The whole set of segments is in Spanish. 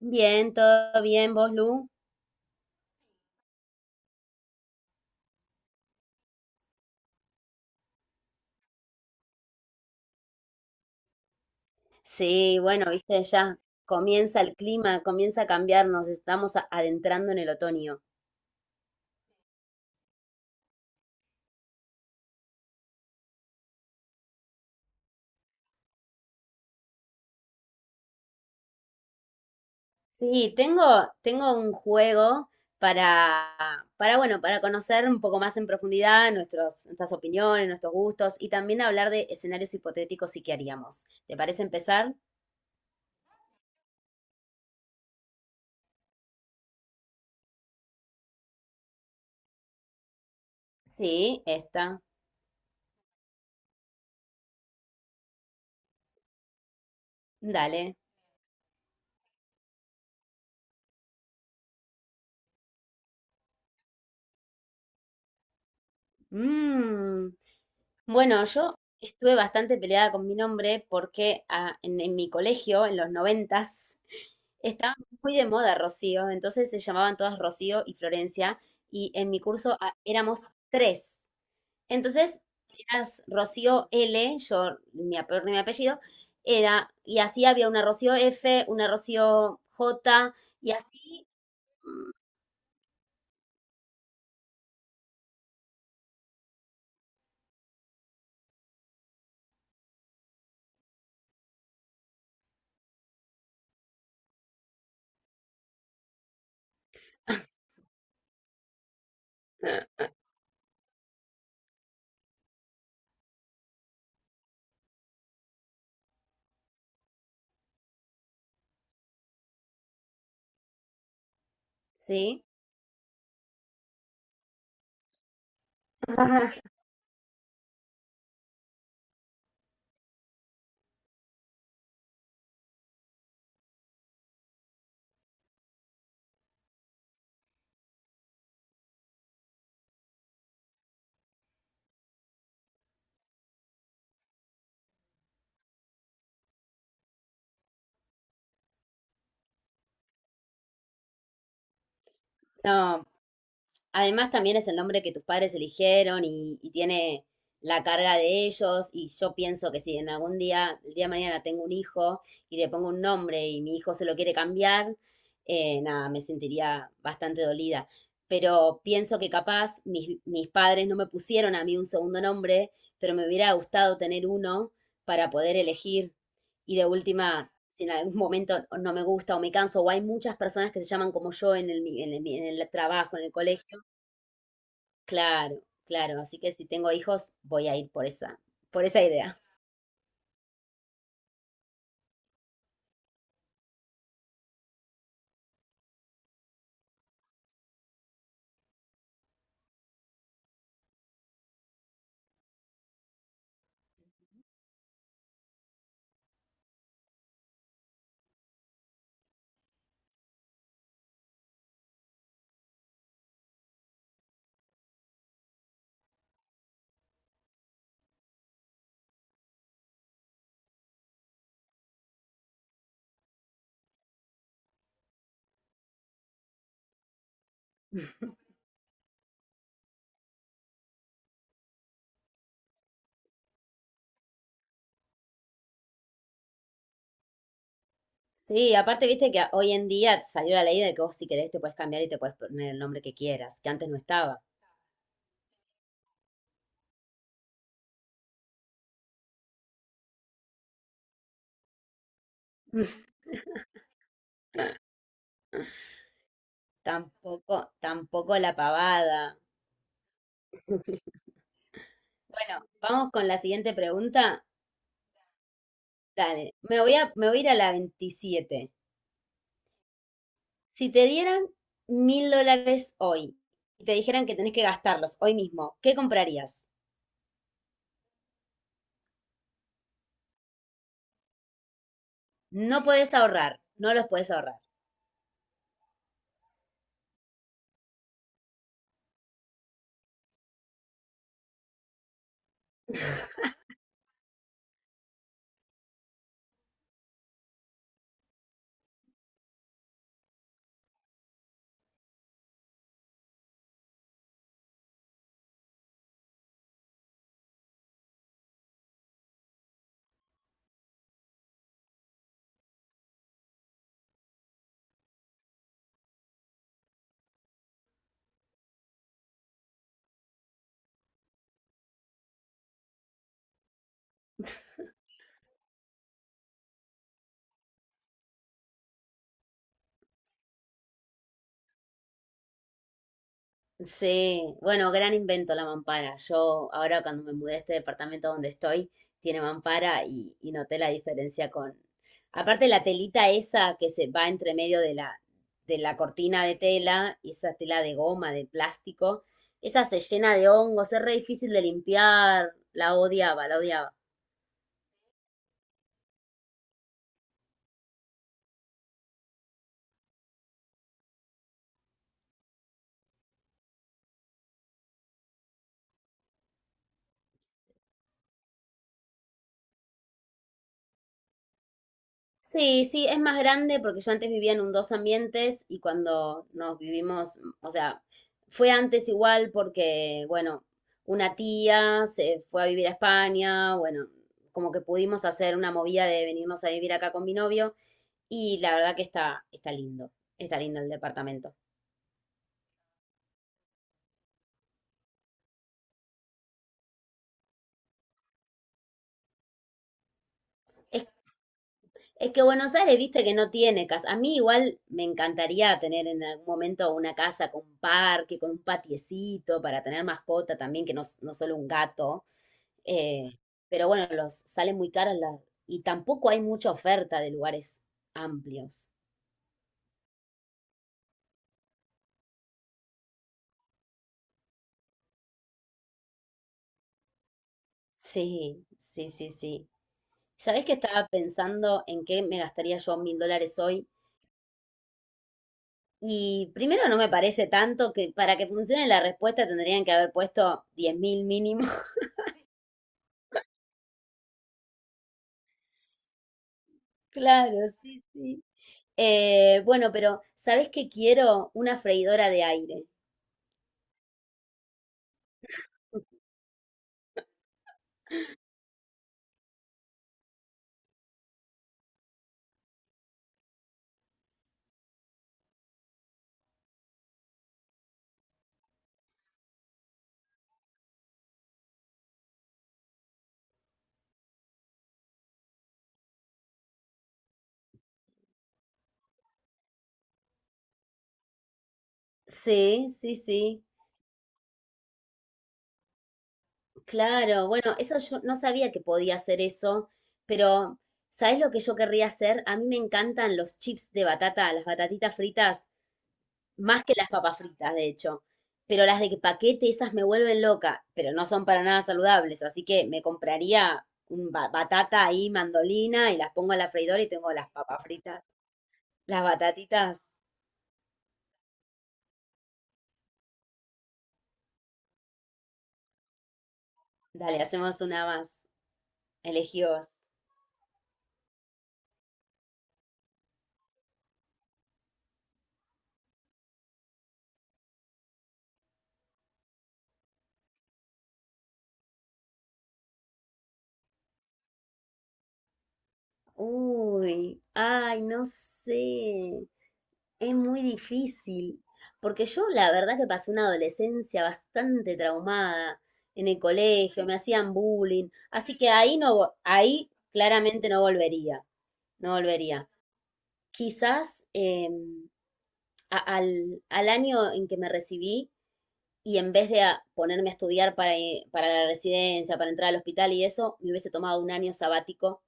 Bien, todo bien, vos, Lu. Sí, bueno, viste, ya comienza el clima, comienza a cambiar, nos estamos adentrando en el otoño. Sí, tengo un juego para, para, bueno, para conocer un poco más en profundidad nuestros, nuestras opiniones, nuestros gustos y también hablar de escenarios hipotéticos y qué haríamos. ¿Te parece empezar? Sí, esta. Dale. Mmm. Bueno, yo estuve bastante peleada con mi nombre porque en mi colegio, en los 90s, estaba muy de moda Rocío, entonces se llamaban todas Rocío y Florencia, y en mi curso éramos tres. Entonces, eras Rocío L, mi apellido, era, y así había una Rocío F, una Rocío J, y así, mm, ¿sí? No, además, también es el nombre que tus padres eligieron y tiene la carga de ellos. Y yo pienso que si en algún día, el día de mañana, tengo un hijo y le pongo un nombre y mi hijo se lo quiere cambiar, nada, me sentiría bastante dolida. Pero pienso que capaz mis padres no me pusieron a mí un segundo nombre, pero me hubiera gustado tener uno para poder elegir. Y de última, si en algún momento no me gusta o me canso, o hay muchas personas que se llaman como yo en el trabajo, en el colegio. Claro, claro. Así que si tengo hijos, voy a ir por esa idea. Sí, aparte, viste que hoy en día salió la ley de que vos si querés te puedes cambiar y te puedes poner el nombre que quieras, que antes no estaba. Tampoco, tampoco la pavada. Bueno, vamos con la siguiente pregunta. Dale, me voy a ir a la 27. Si te dieran $1000 hoy y te dijeran que tenés que gastarlos hoy mismo, ¿qué comprarías? No podés ahorrar, no los podés ahorrar. Sí, bueno, gran invento la mampara. Yo ahora cuando me mudé a este departamento donde estoy, tiene mampara y noté la diferencia con... Aparte la telita esa que se va entre medio de la cortina de tela, y esa tela de goma, de plástico, esa se llena de hongos, es re difícil de limpiar, la odiaba, la odiaba. Sí, sí, es más grande porque yo antes vivía en un dos ambientes y cuando nos vivimos, o sea, fue antes igual porque, bueno, una tía se fue a vivir a España, bueno, como que pudimos hacer una movida de venirnos a vivir acá con mi novio y la verdad que está, está lindo el departamento. Es, es que Buenos Aires, viste que no tiene casa. A mí igual me encantaría tener en algún momento una casa con un parque, con un patiecito para tener mascota también, que no, no solo un gato. Eh, pero bueno, los salen muy caros y tampoco hay mucha oferta de lugares amplios. Sí, sí, sí, sí. ¿Sabés que estaba pensando en qué me gastaría yo $1000 hoy? Y primero no me parece tanto que para que funcione la respuesta tendrían que haber puesto 10.000 mínimo. Claro, sí, sí. Bueno, pero ¿sabés que quiero? Una freidora de aire. Sí, sí, sí. Claro, bueno, eso yo no sabía que podía hacer eso, pero ¿sabes lo que yo querría hacer? A mí me encantan los chips de batata, las batatitas fritas, más que las papas fritas, de hecho. Pero las de paquete, esas me vuelven loca, pero no son para nada saludables, así que me compraría un batata ahí, mandolina, y las pongo a la freidora y tengo las papas fritas. Las batatitas, dale, hacemos una más. Elegí vos. Uy, ay, no sé. Es muy difícil, porque yo la verdad que pasé una adolescencia bastante traumada en el colegio, me hacían bullying, así que ahí no, ahí claramente no volvería, no volvería. Quizás al año en que me recibí y en vez de ponerme a estudiar para la residencia, para entrar al hospital y eso, me hubiese tomado un año sabático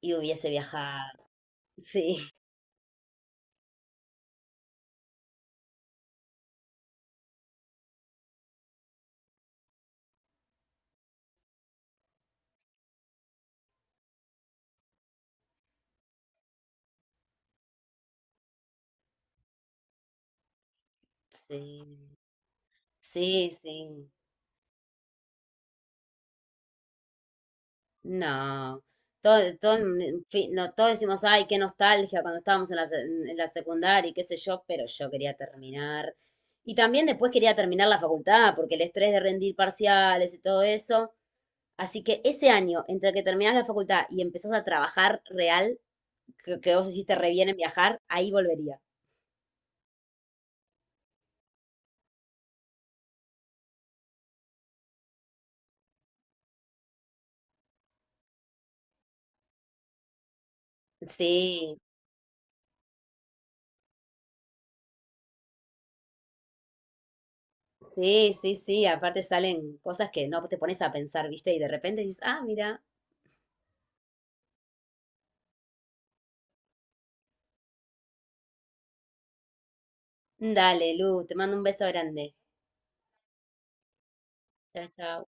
y hubiese viajado. Sí, sí, sí, sí. No, todo, todo, en fin, no, todos decimos, ay, qué nostalgia cuando estábamos en la secundaria y qué sé yo, pero yo quería terminar. Y también después quería terminar la facultad, porque el estrés de rendir parciales y todo eso. Así que ese año, entre que terminás la facultad y empezás a trabajar real, que vos hiciste re bien en viajar, ahí volvería. Sí, sí, sí, sí. Aparte salen cosas que no te pones a pensar, ¿viste? Y de repente dices, ah, mira, dale, Lu, te mando un beso grande. Chao, chao.